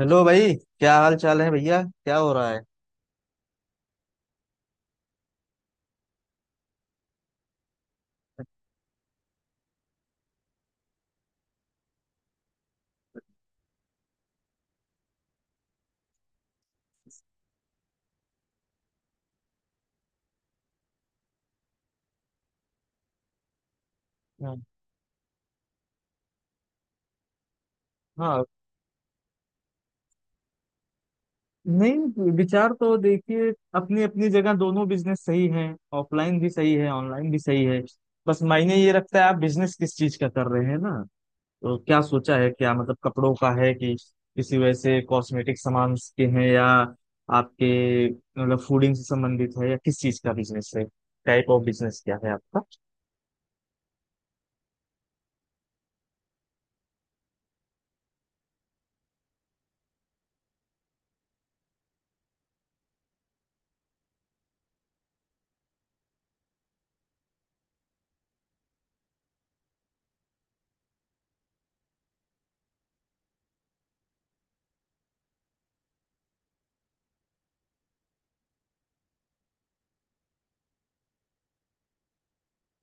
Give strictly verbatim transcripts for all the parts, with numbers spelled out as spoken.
Hello भाई। क्या हाल चाल है भैया, क्या हो रहा है? हाँ। हाँ, नहीं विचार तो देखिए, अपनी अपनी जगह दोनों बिजनेस सही हैं। ऑफलाइन भी सही है, ऑनलाइन भी सही है। बस मायने ये रखता है आप बिजनेस किस चीज का कर रहे हैं ना। तो क्या सोचा है, क्या मतलब कपड़ों का है कि किसी वैसे कॉस्मेटिक सामान के हैं, या आपके मतलब फूडिंग से संबंधित है, या किस चीज का बिजनेस है? टाइप ऑफ बिजनेस क्या है आपका?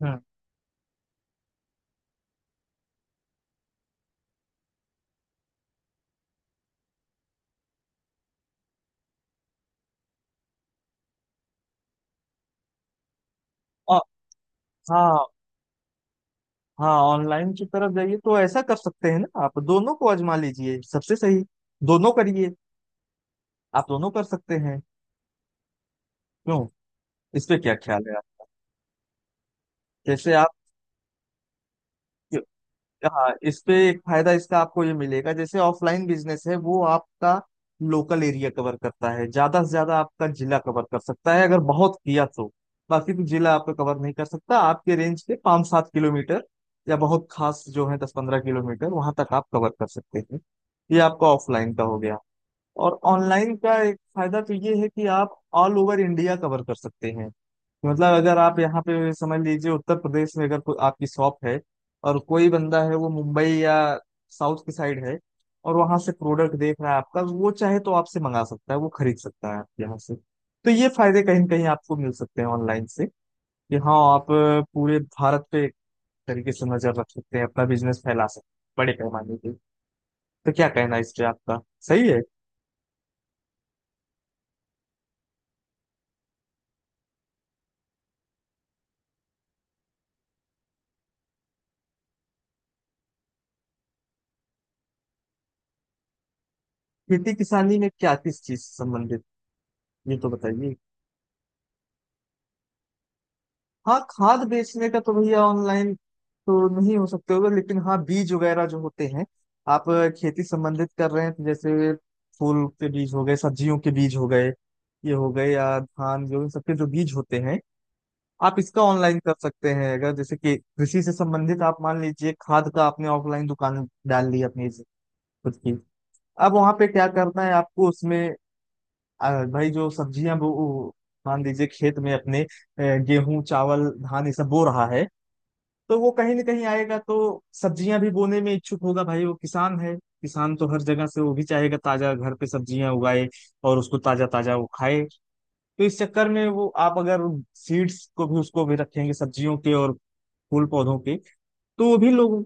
हाँ। और हाँ। हाँ, ऑनलाइन की तरफ जाइए तो ऐसा कर सकते हैं ना, आप दोनों को आजमा लीजिए, सबसे सही दोनों करिए। आप दोनों कर सकते हैं। क्यों? इस पे क्या ख्याल है आप? जैसे आप, हाँ, इस पे एक फायदा इसका आपको ये मिलेगा जैसे ऑफलाइन बिजनेस है वो आपका लोकल एरिया कवर करता है, ज्यादा से ज्यादा आपका जिला कवर कर सकता है अगर बहुत किया तो। बाकी तो जिला आपका कवर नहीं कर सकता, आपके रेंज के पाँच सात किलोमीटर या बहुत खास जो है दस पंद्रह किलोमीटर वहां तक आप कवर कर सकते हैं। ये आपका ऑफलाइन का हो गया। और ऑनलाइन का एक फायदा तो ये है कि आप ऑल ओवर इंडिया कवर कर सकते हैं। मतलब अगर आप यहाँ पे समझ लीजिए, उत्तर प्रदेश में अगर कोई आपकी शॉप है और कोई बंदा है वो मुंबई या साउथ की साइड है, और वहां से प्रोडक्ट देख रहा है आपका, वो चाहे तो आपसे मंगा सकता है, वो खरीद सकता है आपके यहाँ से। तो ये फायदे कहीं ना कहीं आपको मिल सकते हैं ऑनलाइन से कि हाँ, आप अ, पूरे भारत पे एक तरीके से नजर रख सकते हैं, अपना बिजनेस फैला सकते हैं बड़े पैमाने पे। तो क्या कहना है इस पे आपका? सही है। खेती किसानी में क्या, किस चीज से संबंधित ये तो बताइए। हाँ, खाद बेचने का तो भैया ऑनलाइन तो नहीं हो सकते होगा, लेकिन हाँ बीज वगैरह जो होते हैं, आप अ, खेती संबंधित कर रहे हैं तो जैसे फूल के बीज हो गए, सब्जियों के बीज हो गए, ये हो गए, या धान, जो इन सबके जो बीज होते हैं आप इसका ऑनलाइन कर सकते हैं। अगर जैसे कि कृषि से संबंधित आप मान लीजिए खाद का आपने ऑफलाइन दुकान डाल ली अपनी खुद की, अब वहां पे क्या करना है आपको उसमें, आ, भाई जो सब्जियां वो वो मान लीजिए खेत में अपने अ, गेहूं चावल धान ये सब बो रहा है, तो वो कहीं ना कहीं आएगा, तो सब्जियां भी बोने में इच्छुक होगा। भाई वो किसान है, किसान तो हर जगह से वो भी चाहेगा ताजा घर पे सब्जियां उगाए और उसको ताजा ताजा वो खाए। तो इस चक्कर में वो आप अगर सीड्स को भी, उसको भी रखेंगे सब्जियों के और फूल पौधों के, तो वो भी लोग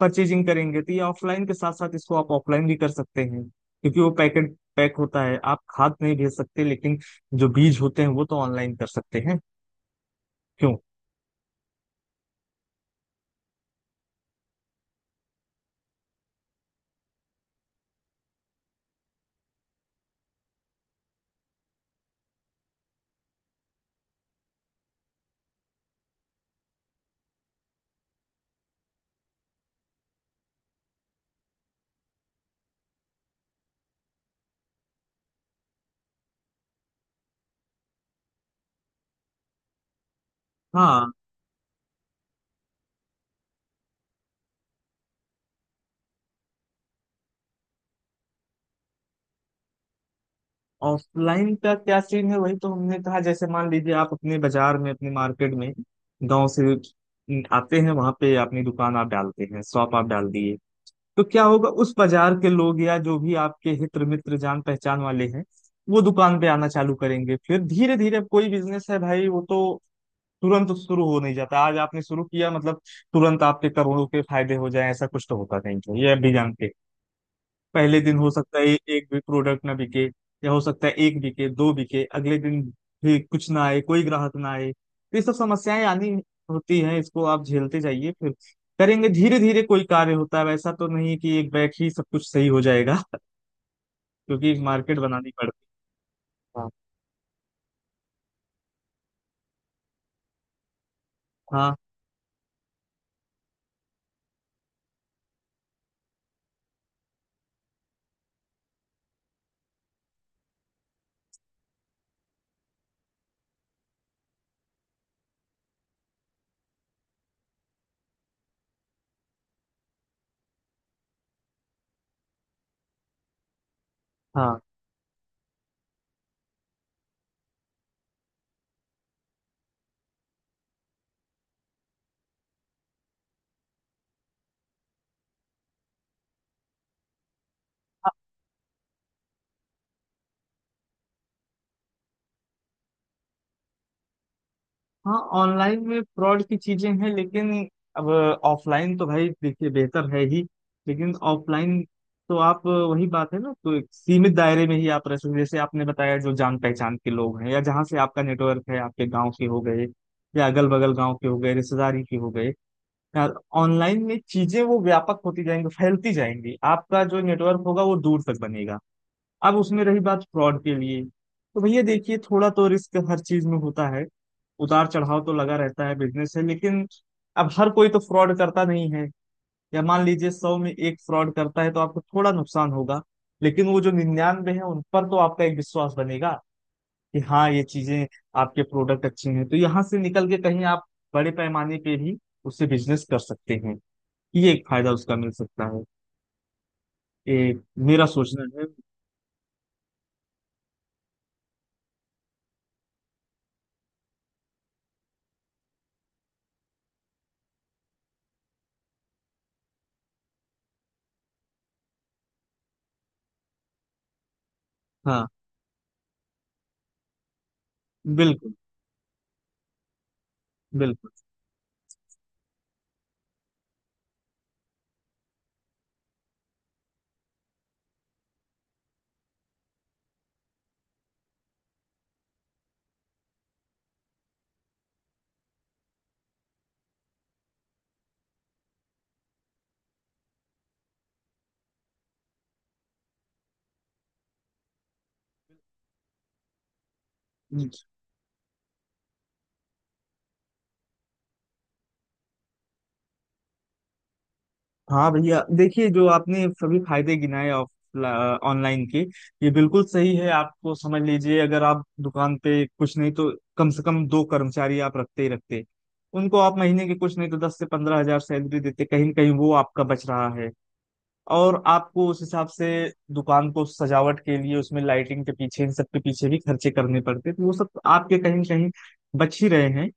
परचेजिंग करेंगे। तो ये ऑफलाइन के साथ साथ इसको आप ऑफलाइन भी कर सकते हैं क्योंकि वो पैकेट पैक होता है। आप खाद नहीं भेज सकते, लेकिन जो बीज होते हैं वो तो ऑनलाइन कर सकते हैं। क्यों? हाँ। ऑफलाइन का क्या सीन है, वही तो हमने कहा, जैसे मान लीजिए आप अपने बाजार में, अपने मार्केट में, गांव से आते हैं, वहां पे अपनी दुकान आप डालते हैं, शॉप आप डाल दिए, तो क्या होगा, उस बाजार के लोग या जो भी आपके हित्र मित्र जान पहचान वाले हैं वो दुकान पे आना चालू करेंगे। फिर धीरे धीरे, कोई बिजनेस है भाई वो तो तुरंत शुरू हो नहीं जाता। आज आपने शुरू किया मतलब तुरंत आपके करोड़ों के फायदे हो जाए, ऐसा कुछ तो होता नहीं है, ये भी जानते हैं। पहले दिन हो सकता है एक भी प्रोडक्ट ना बिके, या हो सकता है एक बिके दो बिके, अगले दिन भी कुछ ना आए, कोई ग्राहक ना आए। तो ये सब समस्याएं आनी होती हैं, इसको आप झेलते जाइए, फिर करेंगे धीरे धीरे। कोई कार्य होता है वैसा तो नहीं कि एक बैग ही सब कुछ सही हो जाएगा क्योंकि मार्केट बनानी पड़ती है। हाँ। हाँ। हाँ। हाँ, ऑनलाइन में फ्रॉड की चीजें हैं लेकिन अब ऑफलाइन तो भाई देखिए बेहतर है ही, लेकिन ऑफलाइन तो आप, वही बात है ना, तो एक सीमित दायरे में ही आप रह सकते, जैसे आपने बताया जो जान पहचान के लोग हैं, या जहाँ से आपका नेटवर्क है, आपके गांव के हो गए या अगल बगल गांव के हो गए, रिश्तेदारी के हो गए यार। ऑनलाइन में चीजें वो व्यापक होती जाएंगी, फैलती जाएंगी, आपका जो नेटवर्क होगा वो दूर तक बनेगा। अब उसमें रही बात फ्रॉड के लिए, तो भैया देखिए, थोड़ा तो रिस्क हर चीज में होता है, उतार चढ़ाव तो लगा रहता है, बिजनेस है, लेकिन अब हर कोई तो फ्रॉड करता नहीं है। या मान लीजिए सौ में एक फ्रॉड करता है तो आपको थोड़ा नुकसान होगा, लेकिन वो जो निन्यानवे है उन पर तो आपका एक विश्वास बनेगा कि हाँ, ये चीजें, आपके प्रोडक्ट अच्छे हैं, तो यहाँ से निकल के कहीं आप बड़े पैमाने पे भी उससे बिजनेस कर सकते हैं। ये एक फायदा उसका मिल सकता है। ये मेरा सोचना है। हाँ। बिल्कुल। बिल्कुल। हाँ भैया देखिए, जो आपने सभी फायदे गिनाए ऑफ ऑनलाइन के, ये बिल्कुल सही है। आपको समझ लीजिए, अगर आप दुकान पे, कुछ नहीं तो कम से कम दो कर्मचारी आप रखते ही रखते, उनको आप महीने के कुछ नहीं तो दस से पंद्रह हजार सैलरी देते, कहीं न कहीं वो आपका बच रहा है। और आपको उस हिसाब से दुकान को सजावट के लिए उसमें लाइटिंग के पीछे, इन सब के पीछे भी खर्चे करने पड़ते, तो वो सब आपके कहीं न कहीं बच ही रहे हैं।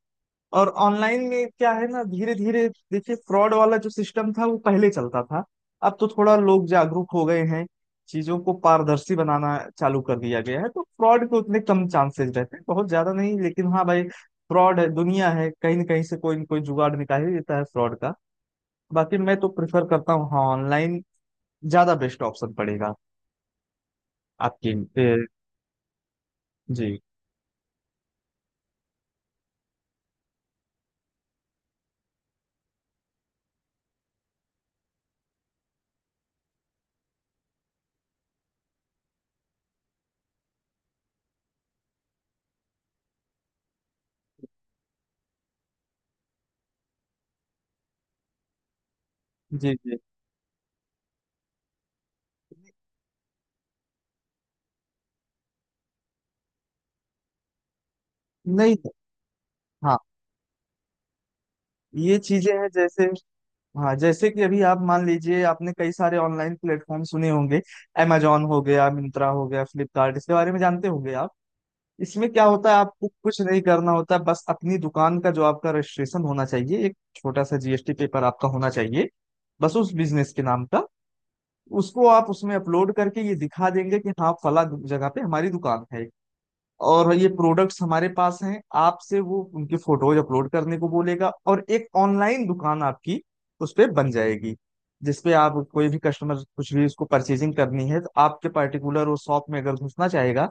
और ऑनलाइन में क्या है ना, धीरे धीरे देखिए, फ्रॉड वाला जो सिस्टम था वो पहले चलता था, अब तो थोड़ा लोग जागरूक हो गए हैं, चीजों को पारदर्शी बनाना चालू कर दिया गया है, तो फ्रॉड के उतने कम चांसेस रहते हैं। बहुत ज्यादा नहीं, लेकिन हाँ भाई, फ्रॉड है, दुनिया है, कहीं ना कहीं से कोई न कोई जुगाड़ निकाल ही देता है फ्रॉड का। बाकी मैं तो प्रेफर करता हूँ, हाँ, ऑनलाइन ज्यादा बेस्ट ऑप्शन पड़ेगा आपके। ए, जी। जी। जी। नहीं। हाँ, ये चीजें हैं, जैसे, हाँ जैसे कि अभी आप मान लीजिए, आपने कई सारे ऑनलाइन प्लेटफॉर्म सुने होंगे, amazon हो गया, मिंत्रा हो गया, फ्लिपकार्ट, इसके बारे में जानते होंगे आप। इसमें क्या होता है, आपको कुछ नहीं करना होता, बस अपनी दुकान का जो आपका रजिस्ट्रेशन होना चाहिए, एक छोटा सा जीएसटी पेपर आपका होना चाहिए बस उस बिजनेस के नाम का। उसको आप उसमें अपलोड करके ये दिखा देंगे कि हाँ, फला जगह पे हमारी दुकान है और ये प्रोडक्ट्स हमारे पास हैं। आपसे वो उनके फोटोज अपलोड करने को बोलेगा और एक ऑनलाइन दुकान आपकी उस पे बन जाएगी, जिसपे आप, कोई भी कस्टमर कुछ भी उसको परचेजिंग करनी है तो आपके पर्टिकुलर वो शॉप में अगर घुसना चाहेगा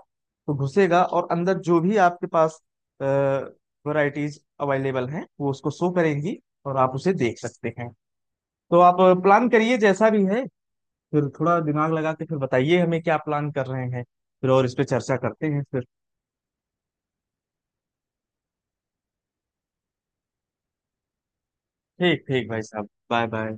तो घुसेगा, और अंदर जो भी आपके पास वैरायटीज अवेलेबल हैं वो उसको शो करेंगी, और आप उसे देख सकते हैं। तो आप प्लान करिए जैसा भी है, फिर थोड़ा दिमाग लगा के फिर बताइए हमें क्या प्लान कर रहे हैं फिर, और इस पे चर्चा करते हैं फिर। ठीक ठीक भाई साहब, बाय बाय।